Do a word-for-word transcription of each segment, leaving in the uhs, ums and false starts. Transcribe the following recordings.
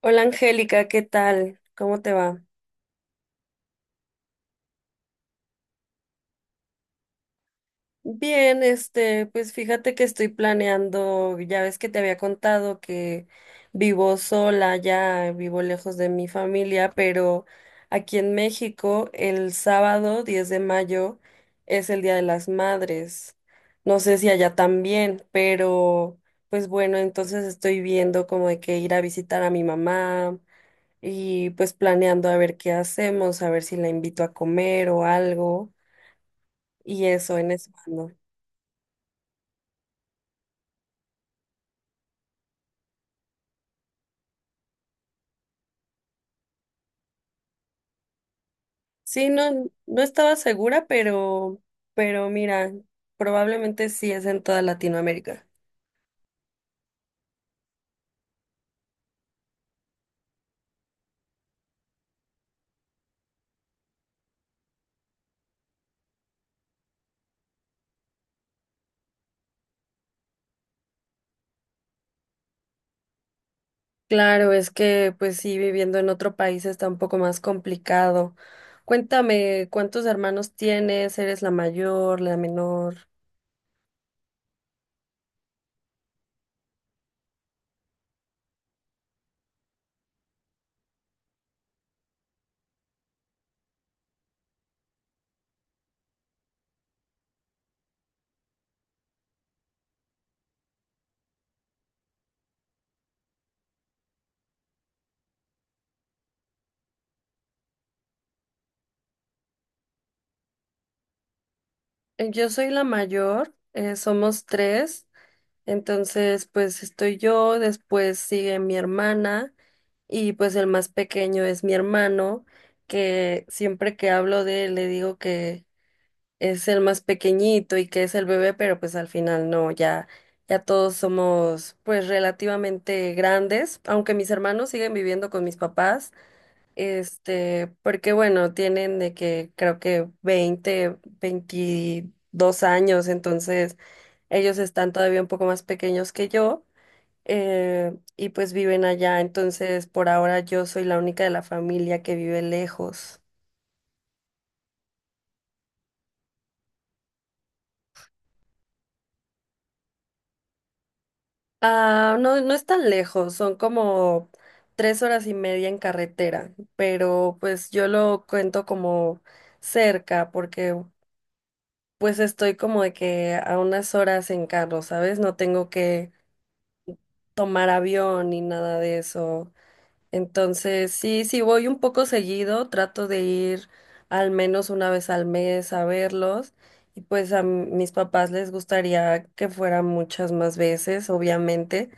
Hola Angélica, ¿qué tal? ¿Cómo te va? Bien, este, pues fíjate que estoy planeando, ya ves que te había contado que vivo sola, ya vivo lejos de mi familia, pero aquí en México el sábado diez de mayo es el Día de las Madres. No sé si allá también, pero pues bueno, entonces estoy viendo como de que ir a visitar a mi mamá y pues planeando a ver qué hacemos, a ver si la invito a comer o algo y eso en eso. Sí, no, no estaba segura, pero, pero mira, probablemente sí es en toda Latinoamérica. Claro, es que pues sí, viviendo en otro país está un poco más complicado. Cuéntame, ¿cuántos hermanos tienes? ¿Eres la mayor, la menor? Eh, Yo soy la mayor, eh, somos tres, entonces pues estoy yo, después sigue mi hermana y pues el más pequeño es mi hermano, que siempre que hablo de él le digo que es el más pequeñito y que es el bebé, pero pues al final no, ya, ya todos somos pues relativamente grandes, aunque mis hermanos siguen viviendo con mis papás, este, porque bueno, tienen de que creo que veinte veintidós años, entonces ellos están todavía un poco más pequeños que yo. Eh, y pues viven allá, entonces por ahora yo soy la única de la familia que vive lejos. Ah, no, no es tan lejos, son como tres horas y media en carretera, pero pues yo lo cuento como cerca porque pues estoy como de que a unas horas en carro, ¿sabes? No tengo que tomar avión ni nada de eso. Entonces, sí, sí voy un poco seguido, trato de ir al menos una vez al mes a verlos y pues a mis papás les gustaría que fuera muchas más veces, obviamente,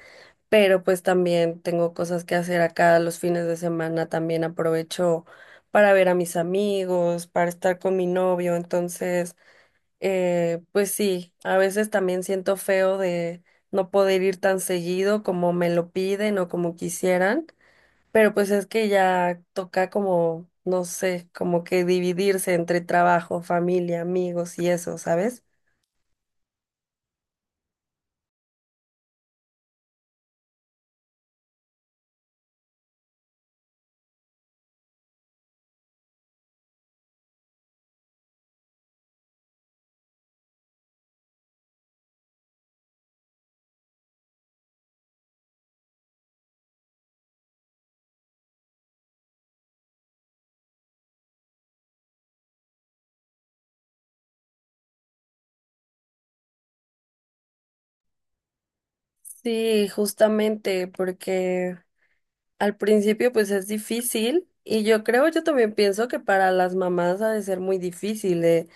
pero pues también tengo cosas que hacer acá los fines de semana, también aprovecho para ver a mis amigos, para estar con mi novio, entonces, eh, pues sí, a veces también siento feo de no poder ir tan seguido como me lo piden o como quisieran, pero pues es que ya toca como, no sé, como que dividirse entre trabajo, familia, amigos y eso, ¿sabes? Sí, justamente, porque al principio pues es difícil y yo creo, yo también pienso que para las mamás ha de ser muy difícil de,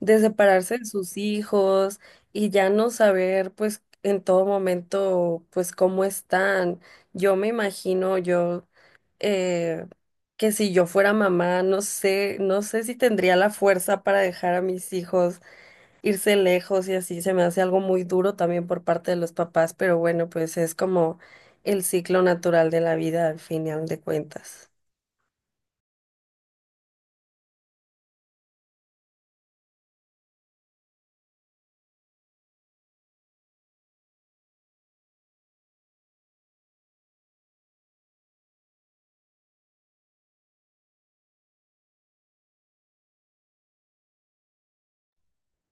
de separarse de sus hijos y ya no saber pues en todo momento pues cómo están. Yo me imagino yo eh, que si yo fuera mamá, no sé, no sé si tendría la fuerza para dejar a mis hijos irse lejos y así se me hace algo muy duro también por parte de los papás, pero bueno, pues es como el ciclo natural de la vida al final de cuentas.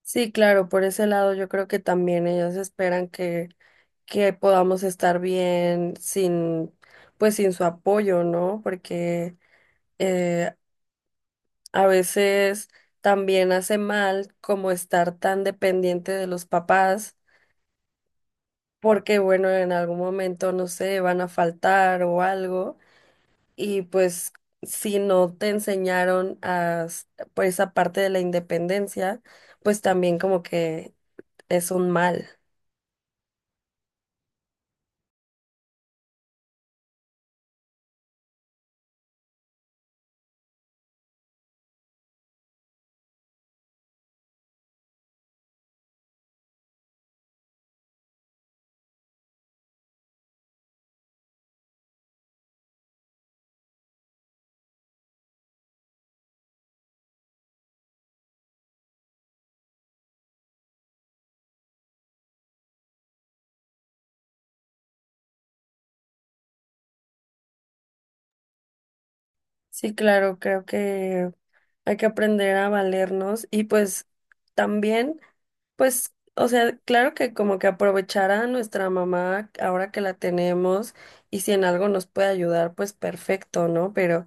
Sí, claro, por ese lado yo creo que también ellos esperan que, que podamos estar bien sin, pues sin su apoyo, ¿no? Porque eh, a veces también hace mal como estar tan dependiente de los papás, porque bueno, en algún momento, no sé, van a faltar o algo. Y pues si no te enseñaron a, s- por esa parte de la independencia, pues también como que es un mal. Sí, claro, creo que hay que aprender a valernos y pues también, pues, o sea, claro que como que aprovechar a nuestra mamá ahora que la tenemos y si en algo nos puede ayudar, pues perfecto, ¿no? Pero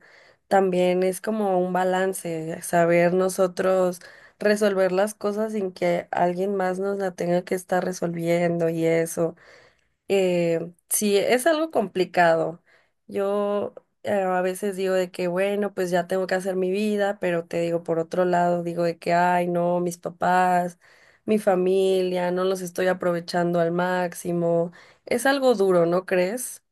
también es como un balance, saber nosotros resolver las cosas sin que alguien más nos la tenga que estar resolviendo y eso. Eh, sí, es algo complicado. Yo eh, A veces digo de que, bueno, pues ya tengo que hacer mi vida, pero te digo, por otro lado, digo de que, ay, no, mis papás, mi familia, no los estoy aprovechando al máximo. Es algo duro, ¿no crees?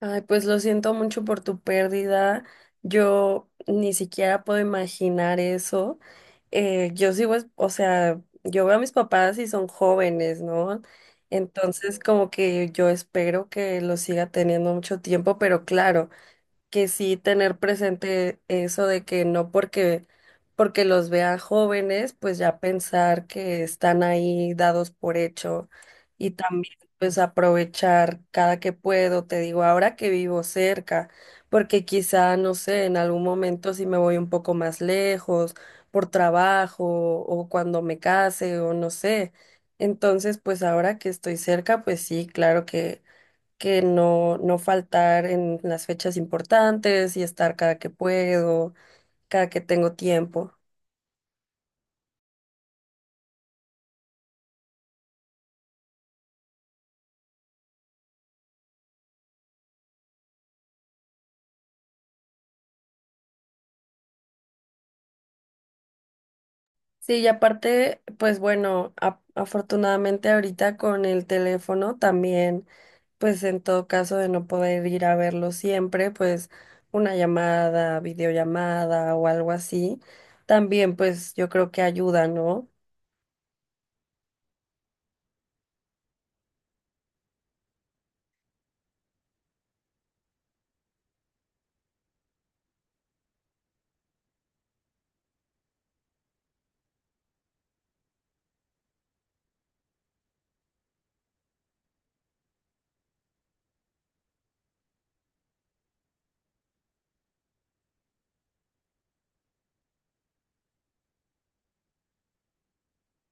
Ay, pues lo siento mucho por tu pérdida. Yo ni siquiera puedo imaginar eso. Eh, yo sigo, es- o sea, yo veo a mis papás y son jóvenes, ¿no? Entonces, como que yo espero que los siga teniendo mucho tiempo, pero claro que sí tener presente eso de que no porque porque los vean jóvenes, pues ya pensar que están ahí dados por hecho, y también pues aprovechar cada que puedo, te digo, ahora que vivo cerca, porque quizá, no sé, en algún momento si me voy un poco más lejos por trabajo o cuando me case o no sé. Entonces, pues ahora que estoy cerca, pues sí, claro que que no, no faltar en las fechas importantes y estar cada que puedo, cada que tengo tiempo. Sí, y aparte, pues bueno, a- afortunadamente ahorita con el teléfono también, pues en todo caso de no poder ir a verlo siempre, pues una llamada, videollamada o algo así, también pues yo creo que ayuda, ¿no?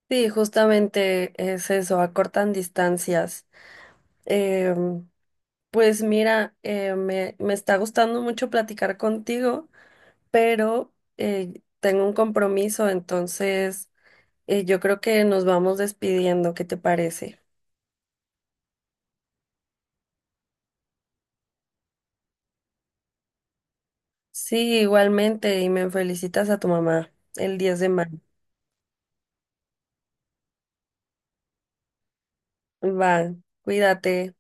Sí, justamente es eso, acortan distancias. em, Pues mira, eh, me, me está gustando mucho platicar contigo, pero eh, tengo un compromiso, entonces eh, yo creo que nos vamos despidiendo. ¿Qué te parece? Sí, igualmente, y me felicitas a tu mamá el diez de mayo. Va, cuídate.